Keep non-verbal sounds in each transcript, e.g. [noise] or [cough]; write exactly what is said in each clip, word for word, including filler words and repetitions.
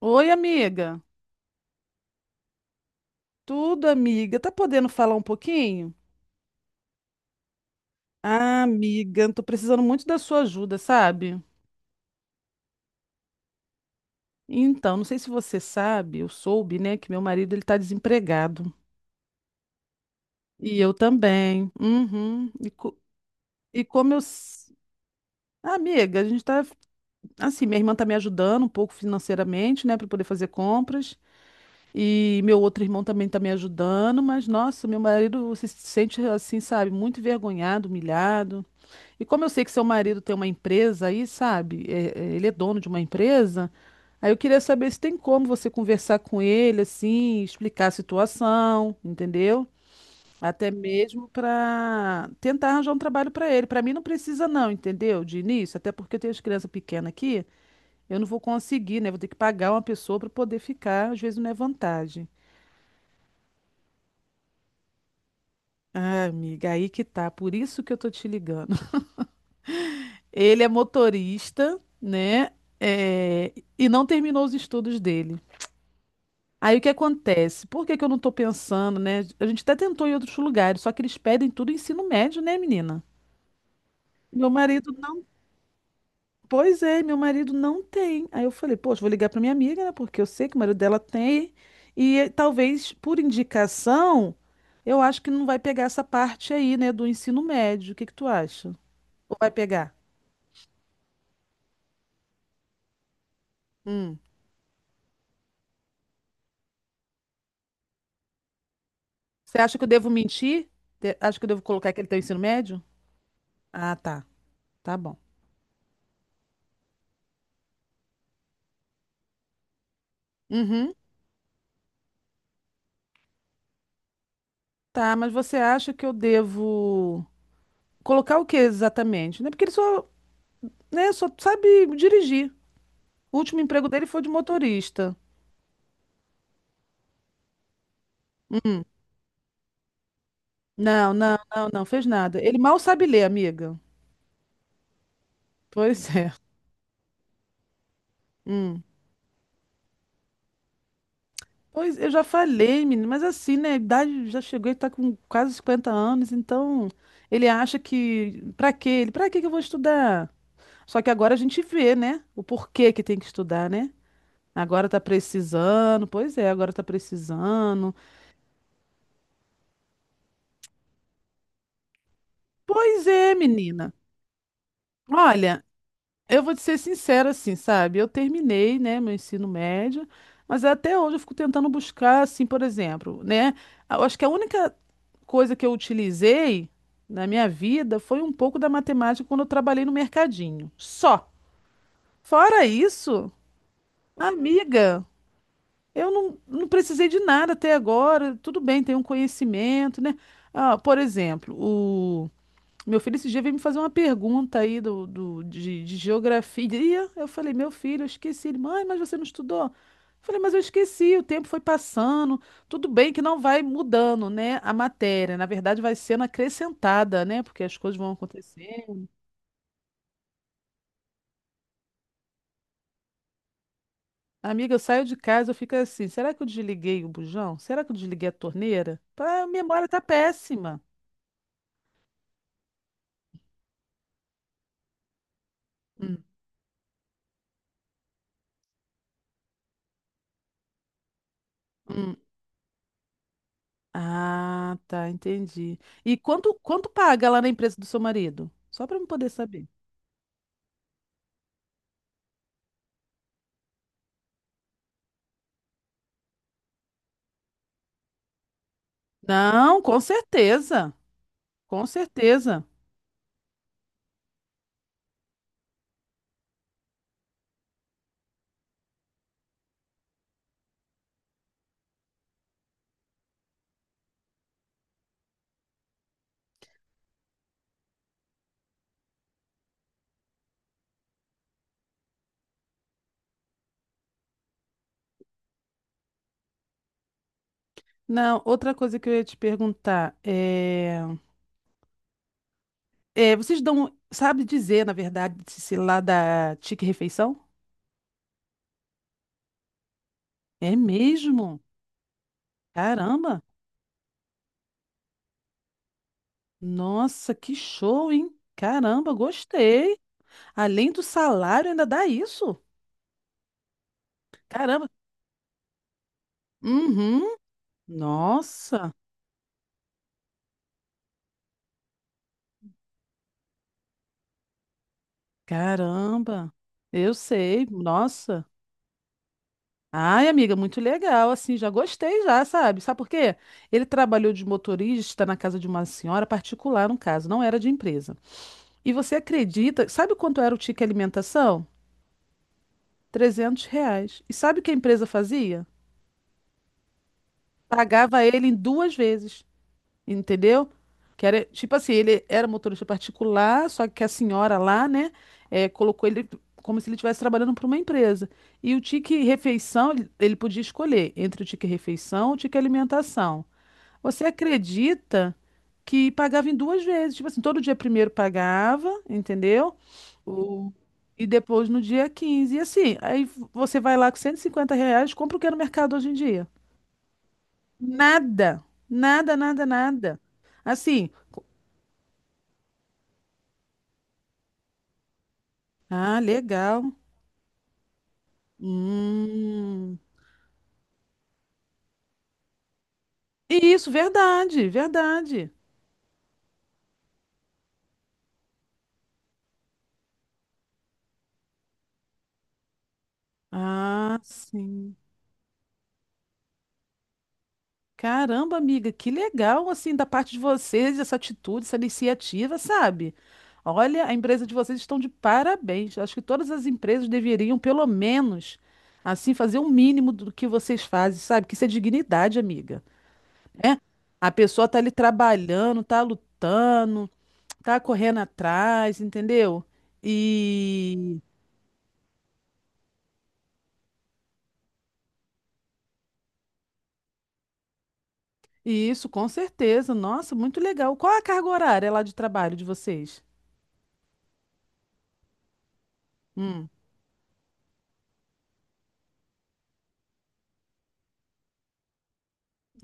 Oi, amiga. Tudo, amiga. Tá podendo falar um pouquinho? Ah, amiga, tô precisando muito da sua ajuda, sabe? Então, não sei se você sabe, eu soube, né, que meu marido ele tá desempregado. E eu também. Uhum. E, co- e como eu. s- Ah, amiga, a gente tá. Assim, minha irmã tá me ajudando um pouco financeiramente, né, pra poder fazer compras. E meu outro irmão também tá me ajudando, mas nossa, meu marido se sente assim, sabe, muito envergonhado, humilhado. E como eu sei que seu marido tem uma empresa aí, sabe? é- é, ele é dono de uma empresa. Aí eu queria saber se tem como você conversar com ele, assim, explicar a situação, entendeu? Até mesmo para tentar arranjar um trabalho para ele. Para mim não precisa não, entendeu? De início, até porque eu tenho as crianças pequenas aqui, eu não vou conseguir, né? Vou ter que pagar uma pessoa para poder ficar, às vezes não é vantagem. Ah, amiga, aí que tá. Por isso que eu tô te ligando. Ele é motorista, né? É, e não terminou os estudos dele. Aí o que acontece? Por que que eu não tô pensando, né? A gente até tentou em outros lugares, só que eles pedem tudo ensino médio, né, menina? Meu marido não. Pois é, meu marido não tem. Aí eu falei, poxa, vou ligar pra minha amiga, né? Porque eu sei que o marido dela tem. E eh, talvez por indicação, eu acho que não vai pegar essa parte aí, né, do ensino médio. O que que tu acha? Ou vai pegar? Hum. Você acha que eu devo mentir? Te- Acha que eu devo colocar que ele tem o ensino médio? Ah, tá. Tá bom. Uhum. Tá, mas você acha que eu devo colocar o que exatamente? Né? Porque ele só, né, só sabe dirigir. O último emprego dele foi de motorista. Não, não, não, não fez nada. Ele mal sabe ler, amiga. Pois é. Hum. Pois eu já falei, menino, mas assim, né, a idade já chegou, ele tá com quase cinquenta anos, então ele acha que pra quê? Ele, pra quê que eu vou estudar? Só que agora a gente vê, né? O porquê que tem que estudar, né? Agora tá precisando, pois é, agora tá precisando. Pois é, menina. Olha, eu vou te ser sincera assim, sabe? Eu terminei, né, meu ensino médio, mas até hoje eu fico tentando buscar, assim, por exemplo, né? Eu acho que a única coisa que eu utilizei na minha vida foi um pouco da matemática quando eu trabalhei no mercadinho. Só. Fora isso, amiga. Eu não, não precisei de nada até agora. Tudo bem, tem um conhecimento, né? Ah, por exemplo, o meu filho esse dia veio me fazer uma pergunta aí do, do- de, de geografia. Eu falei, meu filho, eu esqueci. Ele, mãe, mas você não estudou? Eu falei, mas eu esqueci, o tempo foi passando. Tudo bem que não vai mudando, né, a matéria. Na verdade, vai sendo acrescentada, né? Porque as coisas vão acontecendo. Amiga, eu saio de casa, eu fico assim, será que eu desliguei o bujão? Será que eu desliguei a torneira? Pá, a memória tá péssima. Hum. Ah, tá, entendi. E quanto, quanto paga lá na empresa do seu marido? Só para eu poder saber. Não, com certeza. Com certeza. Não, outra coisa que eu ia te perguntar é, é, vocês dão, sabe dizer, na verdade, se se lá da Tique Refeição? É mesmo? Caramba! Nossa, que show, hein? Caramba, gostei. Além do salário, ainda dá isso. Caramba. Uhum. Nossa. Caramba, eu sei, nossa. Ai, amiga, muito legal, assim, já gostei já, sabe? Sabe por quê? Ele trabalhou de motorista na casa de uma senhora particular, no caso, não era de empresa. E você acredita, sabe quanto era o ticket alimentação? Trezentos reais. E sabe o que a empresa fazia? Pagava ele em duas vezes. Entendeu? Que era, tipo assim, ele era motorista particular, só que a senhora lá, né, eh, colocou ele como se ele estivesse trabalhando para uma empresa. E o tique refeição, ele ele podia escolher entre o tique refeição e o tique alimentação. Você acredita que pagava em duas vezes? Tipo assim, todo dia primeiro pagava, entendeu? O... E depois no dia quinze. E assim, aí você vai lá com cento e cinquenta reais, compra o que é no mercado hoje em dia. Nada, nada, nada, nada. Assim, ah, legal. Hum. Isso, verdade, verdade. Ah, sim. Caramba, amiga, que legal, assim, da parte de vocês, essa atitude, essa iniciativa, sabe? Olha, a empresa de vocês estão de parabéns. Acho que todas as empresas deveriam, pelo menos, assim, fazer um mínimo do que vocês fazem, sabe? Que isso é dignidade, amiga. Né? A pessoa tá ali trabalhando, tá lutando, tá correndo atrás, entendeu? E isso, com certeza. Nossa, muito legal. Qual a carga horária lá de trabalho de vocês? Hum.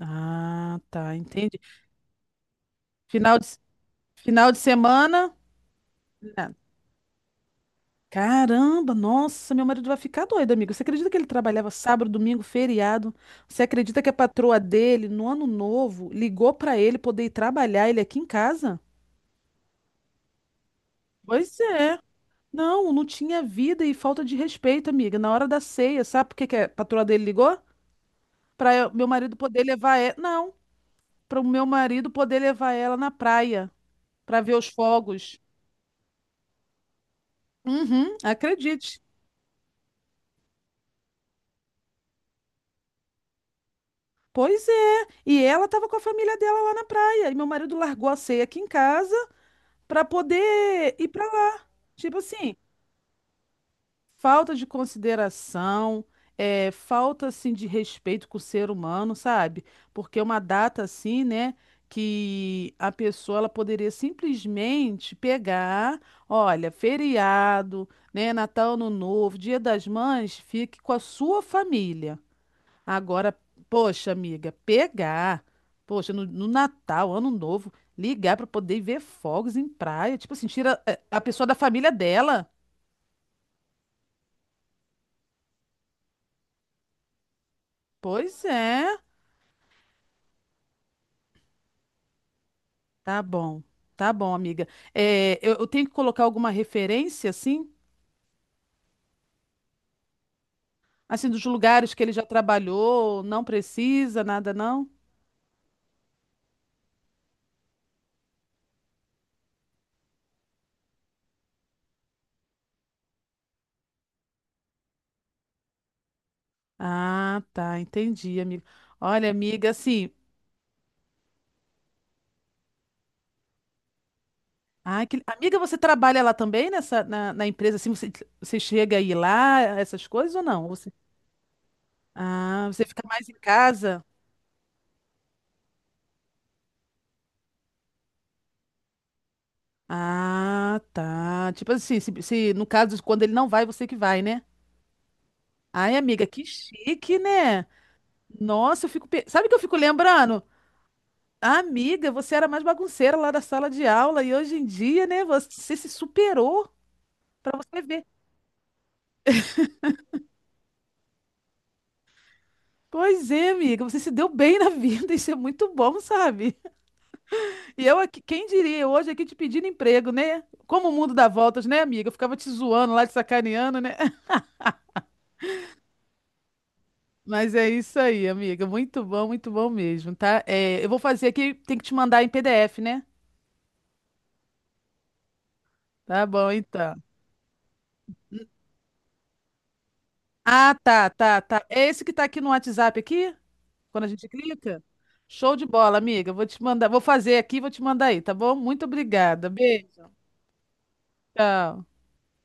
Ah, tá, entendi. Final de, final de semana? Nada. Caramba, nossa, meu marido vai ficar doido, amigo. Você acredita que ele trabalhava sábado, domingo, feriado? Você acredita que a patroa dele, no ano novo, ligou pra ele poder ir trabalhar ele aqui em casa? Pois é. Não, não tinha vida e falta de respeito, amiga. Na hora da ceia, sabe por que que a patroa dele ligou? Pra eu- meu marido poder levar ela. Não. Para o meu marido poder levar ela na praia para ver os fogos. Uhum, acredite. Pois é. E ela estava com a família dela lá na praia. E meu marido largou a ceia aqui em casa para poder ir para lá. Tipo assim, falta de consideração, é, falta assim de respeito com o ser humano, sabe? Porque é uma data assim, né, que a pessoa ela poderia simplesmente pegar, olha, feriado, né, Natal, Ano Novo, Dia das Mães, fique com a sua família. Agora, poxa, amiga, pegar, poxa, no, no Natal, Ano Novo, ligar para poder ver fogos em praia, tipo assim, tira é, a pessoa da família dela. Pois é. Tá bom, tá bom, amiga. É, eu, eu tenho que colocar alguma referência, assim? Assim, dos lugares que ele já trabalhou, não precisa, nada não? Ah, tá, entendi, amiga. Olha, amiga, assim. Ah, que... Amiga, você trabalha lá também nessa, na, na empresa, assim, você, você chega aí lá, essas coisas ou não? Ou você... Ah, você fica mais em casa? Ah, tá. Tipo assim, se, se no caso, quando ele não vai, você que vai, né? Ai, amiga, que chique, né? Nossa, eu fico. pe- Sabe o que eu fico lembrando? Ah, amiga, você era mais bagunceira lá da sala de aula e hoje em dia, né, você se superou pra você ver. Pois é, amiga, você se deu bem na vida, [laughs] isso é muito bom, sabe? E eu aqui, quem diria, eu hoje aqui te pedindo emprego, né? Como o mundo dá voltas, né, amiga? Eu ficava te zoando lá, te sacaneando, né? [laughs] Mas é isso aí, amiga, muito bom, muito bom mesmo, tá? É, eu vou fazer aqui, tem que te mandar em P D F, né? Tá bom, então. Ah, tá, tá, tá. É esse que tá aqui no WhatsApp aqui? Quando a gente clica? Show de bola, amiga. Vou te mandar, vou fazer aqui, e vou te mandar aí, tá bom? Muito obrigada. Beijo. Tchau.